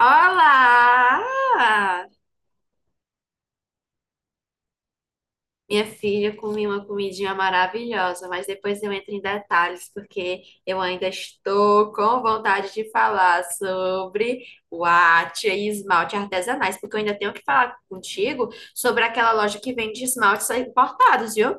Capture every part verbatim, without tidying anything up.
Olá! Minha filha, comi uma comidinha maravilhosa, mas depois eu entro em detalhes, porque eu ainda estou com vontade de falar sobre guache e esmalte artesanais, porque eu ainda tenho que falar contigo sobre aquela loja que vende esmaltes importados, viu?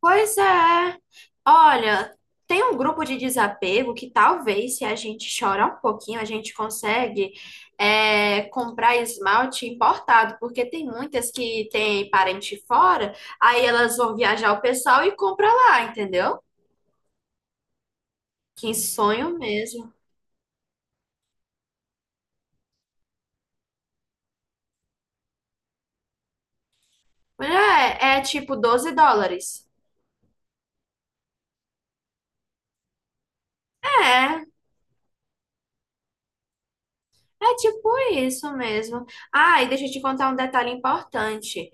Pois é. Olha, tem um grupo de desapego que talvez, se a gente chorar um pouquinho, a gente consegue é, comprar esmalte importado, porque tem muitas que têm parente fora, aí elas vão viajar o pessoal e compra lá, entendeu? Que sonho mesmo. É, é tipo doze dólares. É, é tipo isso mesmo. Ah, e deixa eu te contar um detalhe importante.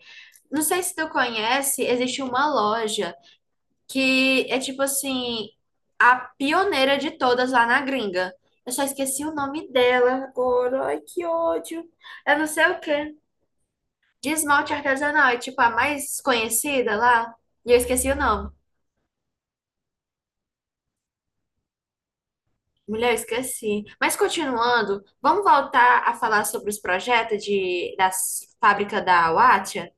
Não sei se tu conhece, existe uma loja que é tipo assim, a pioneira de todas lá na gringa. Eu só esqueci o nome dela agora. Ai, que ódio. Eu não sei o quê. De esmalte artesanal, é tipo a mais conhecida lá. E eu esqueci o nome. Mulher, eu esqueci. Mas continuando, vamos voltar a falar sobre os projetos de, da fábrica da Wattia?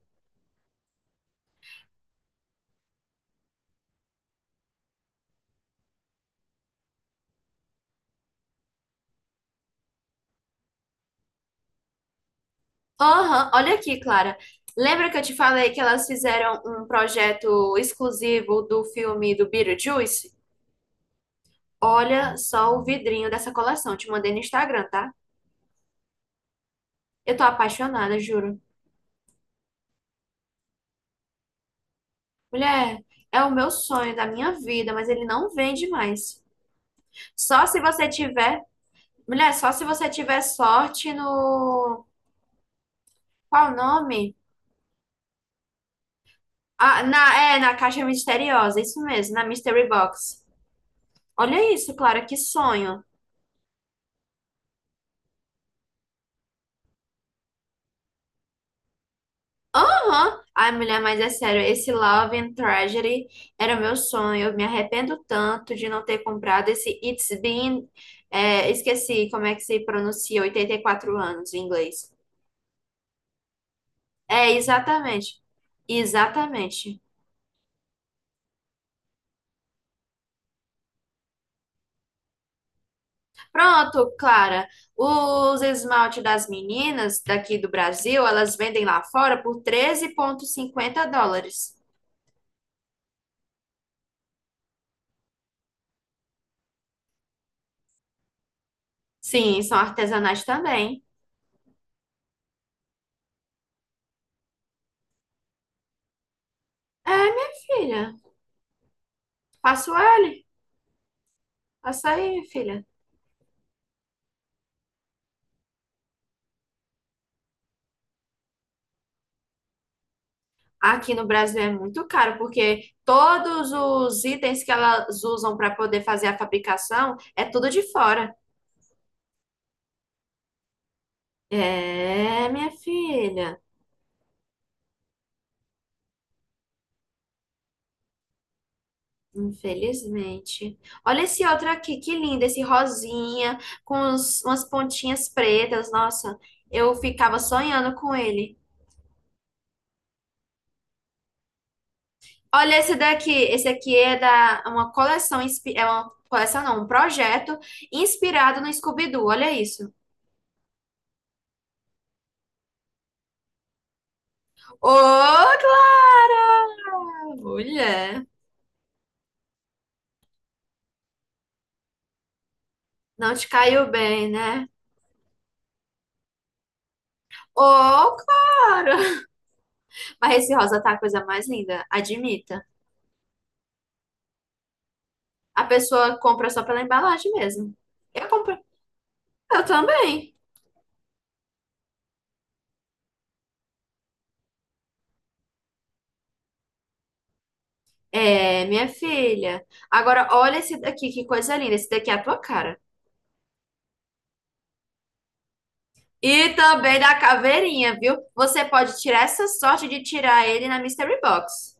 Aham, olha aqui, Clara. Lembra que eu te falei que elas fizeram um projeto exclusivo do filme do Beetlejuice? Olha só o vidrinho dessa coleção. Te mandei no Instagram, tá? Eu tô apaixonada, juro. Mulher, é o meu sonho da minha vida, mas ele não vende mais. Só se você tiver. Mulher, só se você tiver sorte no. Qual o nome? Ah, na, é, na caixa misteriosa, isso mesmo, na Mystery Box. Olha isso, Clara, que sonho. Aham. Ai, mulher, mas é sério, esse Love and Tragedy era o meu sonho. Eu me arrependo tanto de não ter comprado esse It's Been, é, esqueci como é que se pronuncia, oitenta e quatro anos em inglês. É, exatamente. Exatamente. Pronto, Clara. Os esmalte das meninas daqui do Brasil, elas vendem lá fora por treze vírgula cinquenta dólares. Sim, são artesanais também. É, minha filha. Faço L. Passa aí, minha filha. Aqui no Brasil é muito caro, porque todos os itens que elas usam para poder fazer a fabricação é tudo de fora. É, minha filha, infelizmente. Olha esse outro aqui, que lindo, esse rosinha, com uns- umas pontinhas pretas. Nossa, eu ficava sonhando com ele. Olha esse daqui, esse aqui é da é uma coleção, inspi- é uma coleção não, um projeto inspirado no Scooby-Doo, olha isso. Ô, Clara! Mulher, não te caiu bem, né? Ô, Clara! Mas esse rosa tá a coisa mais linda, admita. A pessoa compra só pela embalagem mesmo. Eu compro. Eu também. É, minha filha. Agora, olha esse daqui, que coisa linda. Esse daqui é a tua cara. E também da caveirinha, viu? Você pode tirar essa sorte de tirar ele na Mystery Box.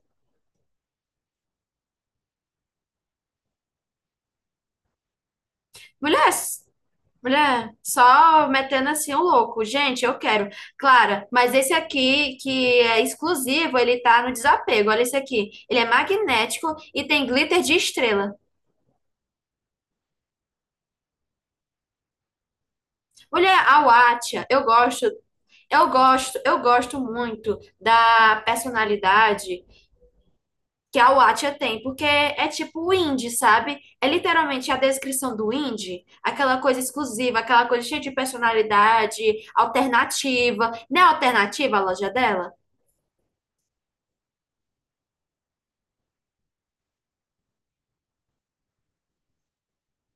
Mulher, Mulher, só metendo assim o louco. Gente, eu quero. Clara, mas esse aqui que é exclusivo, ele tá no desapego. Olha esse aqui. Ele é magnético e tem glitter de estrela. Mulher, a Wattia, eu gosto, eu gosto, eu gosto muito da personalidade que a Wattia tem, porque é tipo o indie, sabe? É literalmente a descrição do indie, aquela coisa exclusiva, aquela coisa cheia de personalidade, alternativa. Não é alternativa a loja dela?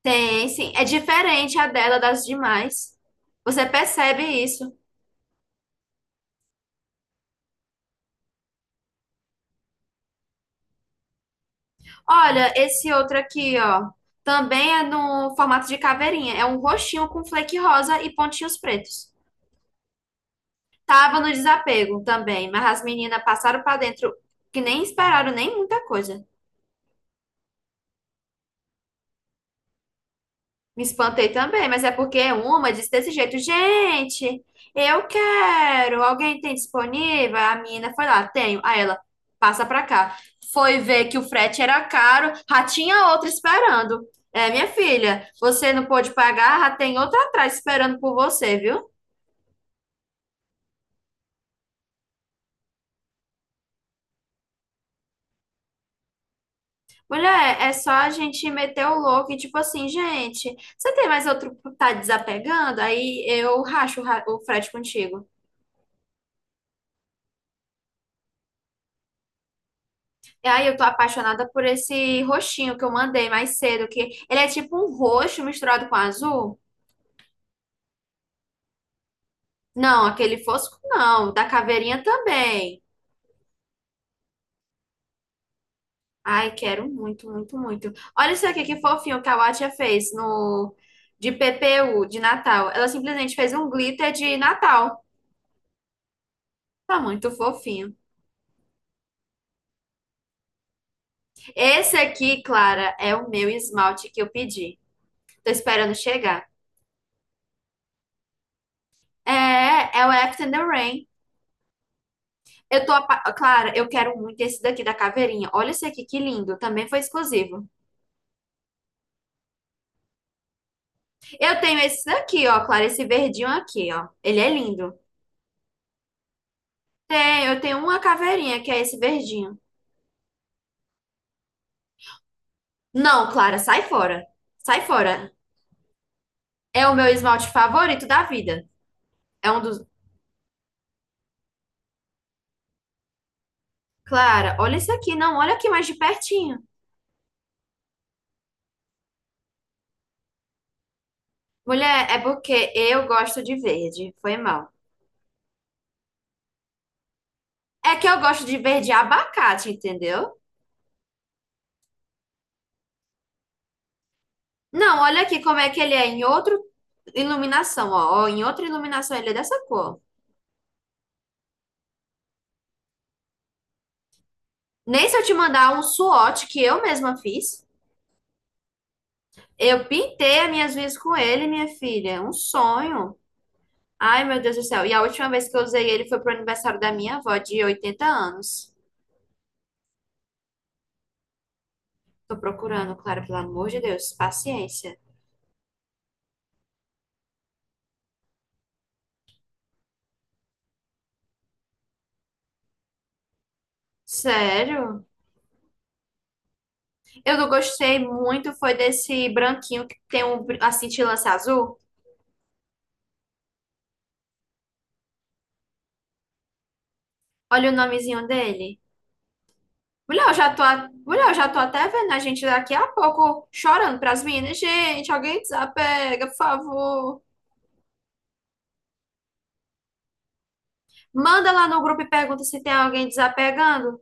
Tem, sim. É diferente a dela das demais. Você percebe isso. Olha, esse outro aqui, ó. Também é no formato de caveirinha. É um roxinho com flake rosa e pontinhos pretos. Tava no desapego também, mas as meninas passaram pra dentro que nem esperaram nem muita coisa. Me espantei também, mas é porque uma disse desse jeito, gente, eu quero, alguém tem disponível? A menina foi lá, tenho. Aí ela, passa pra cá. Foi ver que o frete era caro, já tinha outra esperando. É, minha filha, você não pôde pagar, já tem outra atrás esperando por você, viu? Mulher, é só a gente meter o louco e tipo assim, gente, você tem mais outro que tá desapegando? Aí eu racho o ra- o frete contigo. E aí eu tô apaixonada por esse roxinho que eu mandei mais cedo, que ele é tipo um roxo misturado com azul. Não, aquele fosco não, da caveirinha também. Ai, quero muito, muito, muito. Olha isso aqui que fofinho que a Watia fez no de P P U de Natal. Ela simplesmente fez um glitter de Natal. Tá muito fofinho. Esse aqui, Clara, é o meu esmalte que eu pedi. Tô esperando chegar. É, é o After the Rain. Eu tô, apa- Clara, eu quero muito esse daqui da caveirinha. Olha esse aqui, que lindo. Também foi exclusivo. Eu tenho esse daqui, ó, Clara, esse verdinho aqui, ó. Ele é lindo. Tem, eu tenho uma caveirinha que é esse verdinho. Não, Clara, sai fora. Sai fora. É o meu esmalte favorito da vida. É um dos. Clara, olha isso aqui, não, olha aqui mais de pertinho. Mulher, é porque eu gosto de verde. Foi mal. É que eu gosto de verde abacate, entendeu? Não, olha aqui como é que ele é em outra iluminação, ó. Ó, em outra iluminação ele é dessa cor. Nem se eu te mandar um swatch que eu mesma fiz. Eu pintei as minhas unhas com ele, minha filha. É um sonho. Ai, meu Deus do céu. E a última vez que eu usei ele foi pro aniversário da minha avó de oitenta anos. Tô procurando, Clara, pelo amor de Deus. Paciência. Sério? Eu não gostei muito foi desse branquinho que tem um, a cintilância azul. Olha o nomezinho dele. Mulher, eu já tô, a- mulher, eu já tô até vendo a gente daqui a pouco chorando pras meninas. Gente, alguém desapega, por favor. Manda lá no grupo e pergunta se tem alguém desapegando.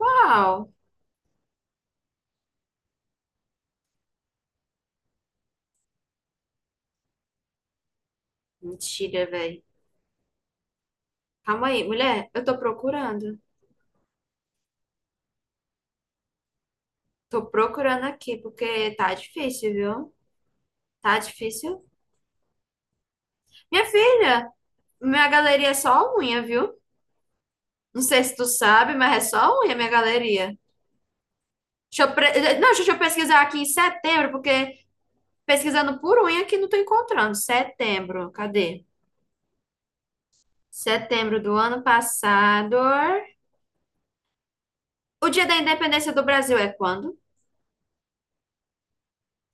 Uau! Mentira, velho. Calma aí, mulher, eu tô procurando. Tô procurando aqui, porque tá difícil, viu? Tá difícil. Minha filha, minha galeria é só unha, viu? Não sei se tu sabe, mas é só unha minha galeria. Deixa eu pre- Não, deixa eu pesquisar aqui em setembro, porque pesquisando por unha que não estou encontrando. Setembro, cadê? Setembro do ano passado. O dia da independência do Brasil é quando?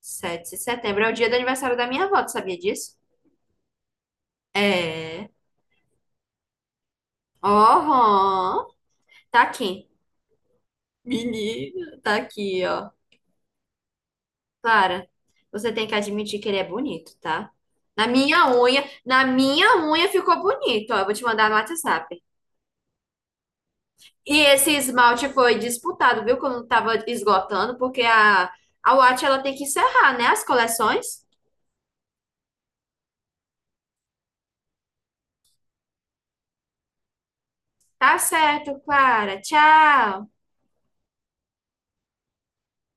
Sete de setembro. É o dia do aniversário da minha avó, tu sabia disso? É. Oh, tá aqui. Menina, tá aqui, ó. Clara, você tem que admitir que ele é bonito, tá? Na minha unha, na minha unha ficou bonito, ó. Eu vou te mandar no WhatsApp. E esse esmalte foi disputado, viu? Quando tava esgotando, porque a, a Watch ela tem que encerrar, né? As coleções. Tá certo, Clara. Tchau.